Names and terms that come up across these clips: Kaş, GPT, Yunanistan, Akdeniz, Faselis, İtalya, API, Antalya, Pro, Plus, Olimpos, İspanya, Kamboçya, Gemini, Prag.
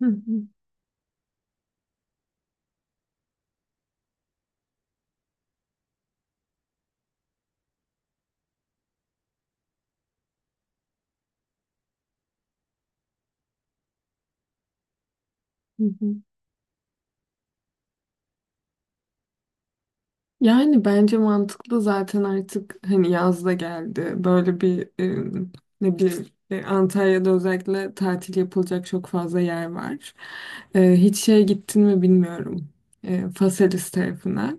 Hı hı, hı hı. Yani bence mantıklı zaten artık hani yaz da geldi. Böyle bir ne bileyim Antalya'da özellikle tatil yapılacak çok fazla yer var. Hiç şeye gittin mi bilmiyorum. Faselis tarafına.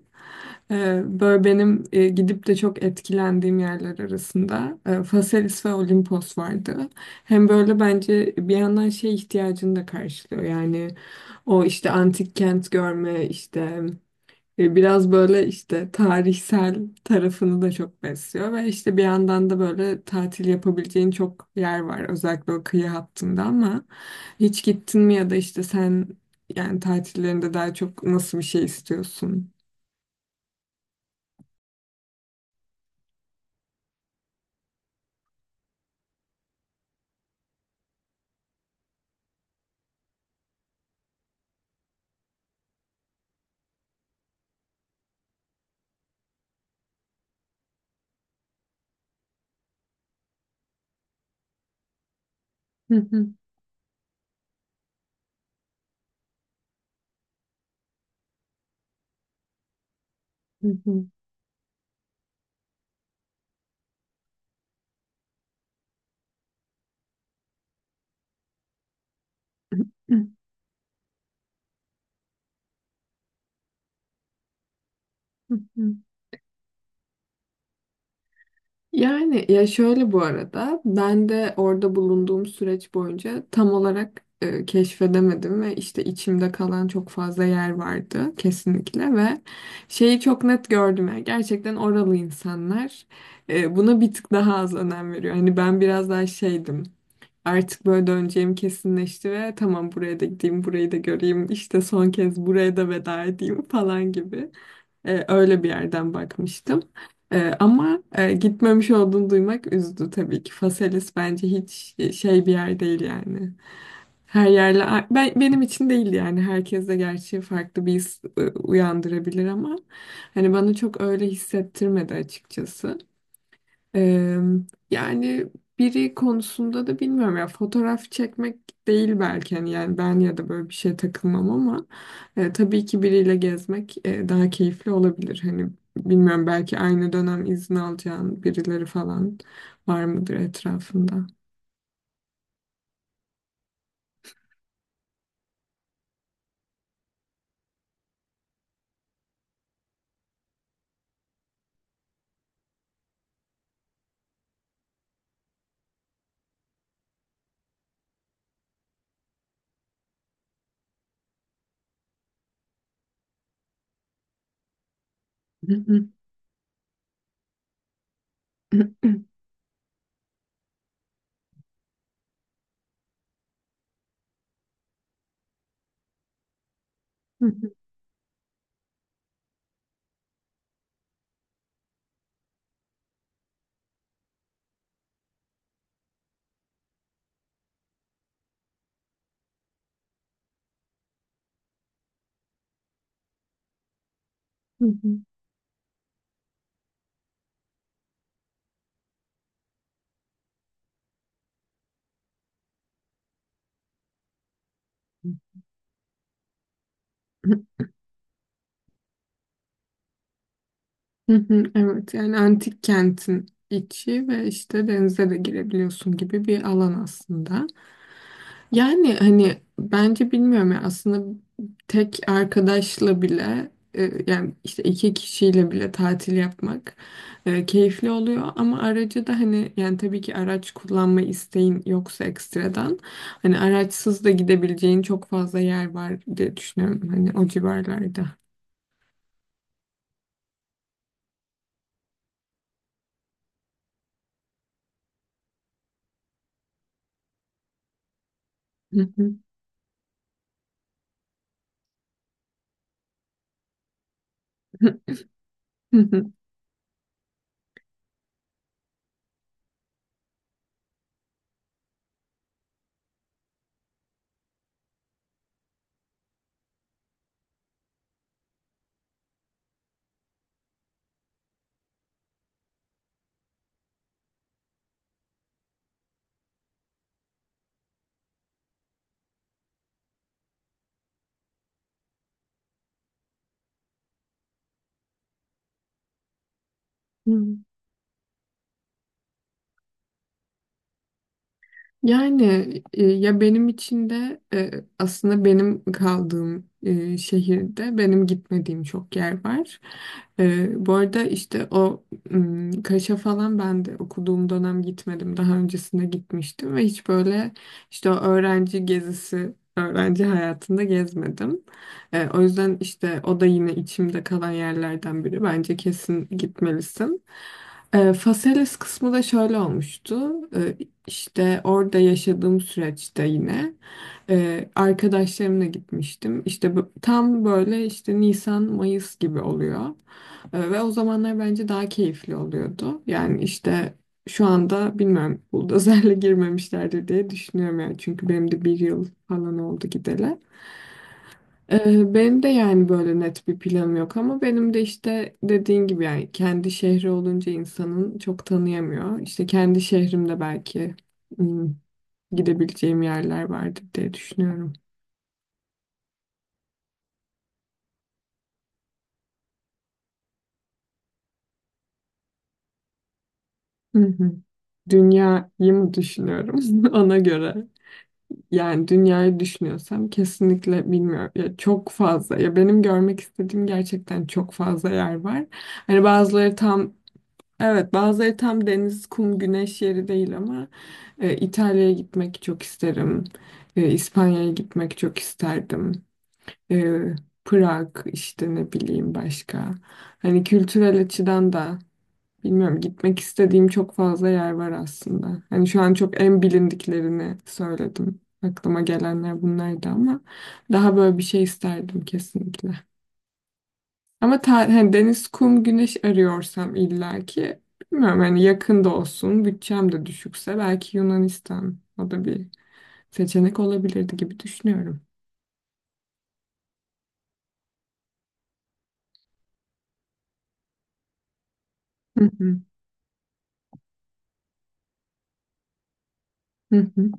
Böyle benim gidip de çok etkilendiğim yerler arasında Faselis ve Olimpos vardı. Hem böyle bence bir yandan şey ihtiyacını da karşılıyor. Yani o işte antik kent görme işte. Biraz böyle işte tarihsel tarafını da çok besliyor ve işte bir yandan da böyle tatil yapabileceğin çok yer var özellikle o kıyı hattında, ama hiç gittin mi ya da işte sen yani tatillerinde daha çok nasıl bir şey istiyorsun? Hı hı, hı hı, hı hı, hı hı. Yani ya şöyle, bu arada ben de orada bulunduğum süreç boyunca tam olarak keşfedemedim ve işte içimde kalan çok fazla yer vardı kesinlikle ve şeyi çok net gördüm, yani gerçekten oralı insanlar buna bir tık daha az önem veriyor. Hani ben biraz daha şeydim, artık böyle döneceğim kesinleşti ve tamam buraya da gideyim, burayı da göreyim, işte son kez buraya da veda edeyim falan gibi. Öyle bir yerden bakmıştım. Ama gitmemiş olduğunu duymak üzdü tabii ki. Faselis bence hiç şey bir yer değil yani. Her yerle ben, benim için değil yani, herkes de gerçi farklı bir his uyandırabilir ama hani bana çok öyle hissettirmedi açıkçası. Eee, Yani biri konusunda da bilmiyorum ya, fotoğraf çekmek değil belki, hani yani ben ya da böyle bir şeye takılmam ama tabii ki biriyle gezmek daha keyifli olabilir. Hani bilmiyorum, belki aynı dönem izin alacağın birileri falan var mıdır etrafında? Evet, yani antik kentin içi ve işte denize de girebiliyorsun gibi bir alan aslında. Yani hani bence bilmiyorum ya, aslında tek arkadaşla bile yani işte iki kişiyle bile tatil yapmak keyifli oluyor ama aracı da hani, yani tabii ki araç kullanma isteğin yoksa ekstradan hani araçsız da gidebileceğin çok fazla yer var diye düşünüyorum hani o civarlarda. Hı hı. Yani ya benim için de aslında benim kaldığım şehirde benim gitmediğim çok yer var. Bu arada işte o Kaş'a falan ben de okuduğum dönem gitmedim. Daha öncesinde gitmiştim ve hiç böyle işte o öğrenci gezisi, öğrenci hayatında gezmedim. O yüzden işte o da yine içimde kalan yerlerden biri. Bence kesin gitmelisin. Faselis kısmı da şöyle olmuştu. E, işte orada yaşadığım süreçte yine arkadaşlarımla gitmiştim. İşte tam böyle işte Nisan, Mayıs gibi oluyor. Ve o zamanlar bence daha keyifli oluyordu. Yani işte şu anda bilmiyorum, buldozerle girmemişlerdir diye düşünüyorum yani. Çünkü benim de bir yıl falan oldu gideli. Benim de yani böyle net bir planım yok, ama benim de işte dediğin gibi yani kendi şehri olunca insanın çok tanıyamıyor. İşte kendi şehrimde belki gidebileceğim yerler vardır diye düşünüyorum. Hı hı. Dünyayı mı düşünüyorum ona göre? Yani dünyayı düşünüyorsam kesinlikle bilmiyorum. Ya çok fazla. Ya benim görmek istediğim gerçekten çok fazla yer var. Hani bazıları tam, evet, bazıları tam deniz, kum, güneş yeri değil ama İtalya'ya gitmek çok isterim. İspanya'ya gitmek çok isterdim. E, Prag, işte ne bileyim başka. Hani kültürel açıdan da, bilmiyorum, gitmek istediğim çok fazla yer var aslında. Hani şu an çok en bilindiklerini söyledim. Aklıma gelenler bunlardı ama daha böyle bir şey isterdim kesinlikle. Ama hani deniz, kum, güneş arıyorsam, illaki bilmiyorum hani, yakında olsun, bütçem de düşükse belki Yunanistan, o da bir seçenek olabilirdi gibi düşünüyorum. Hı hı, hı hı,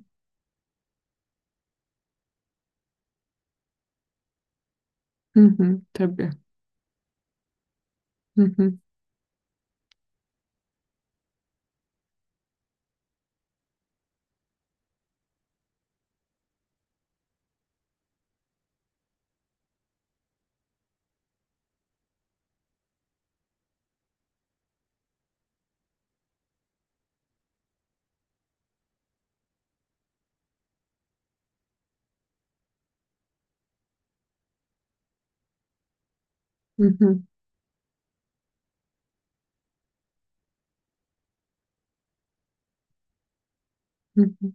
hı hı, tabii. Hı hı, hı hı, hı hı.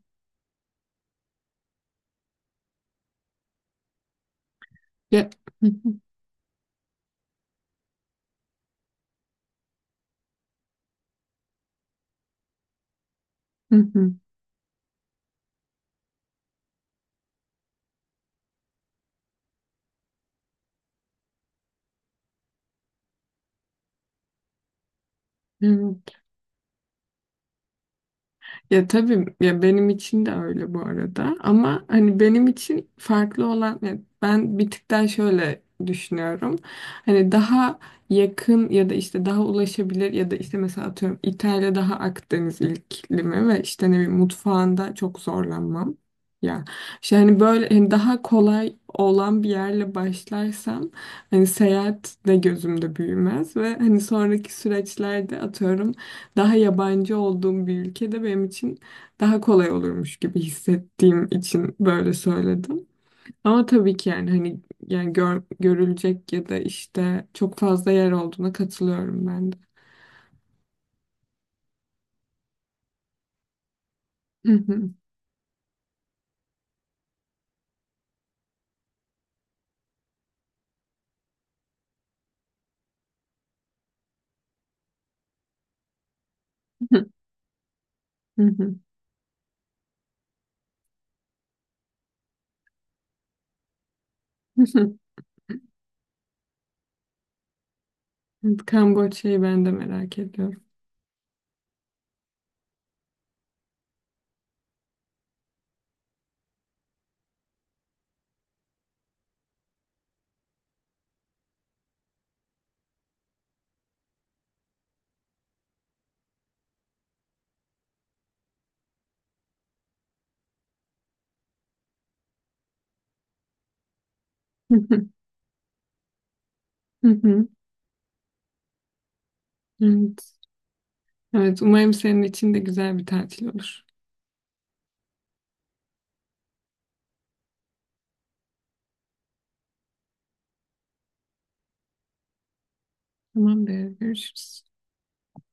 Ya- hı hı, hı hı. Ya tabii ya, benim için de öyle bu arada, ama hani benim için farklı olan, ya ben bir tık daha şöyle düşünüyorum. Hani daha yakın ya da işte daha ulaşabilir ya da işte mesela atıyorum İtalya, daha Akdeniz iklimi ve işte ne bileyim, mutfağında çok zorlanmam. Ya işte hani böyle, hani daha kolay olan bir yerle başlarsam hani seyahat de gözümde büyümez ve hani sonraki süreçlerde atıyorum daha yabancı olduğum bir ülkede benim için daha kolay olurmuş gibi hissettiğim için böyle söyledim. Ama tabii ki, yani hani, yani görülecek ya da işte çok fazla yer olduğuna katılıyorum ben de. Evet, Kamboçya'yı ben de merak ediyorum. Evet. Evet, umarım senin için de güzel bir tatil olur. Tamamdır, görüşürüz.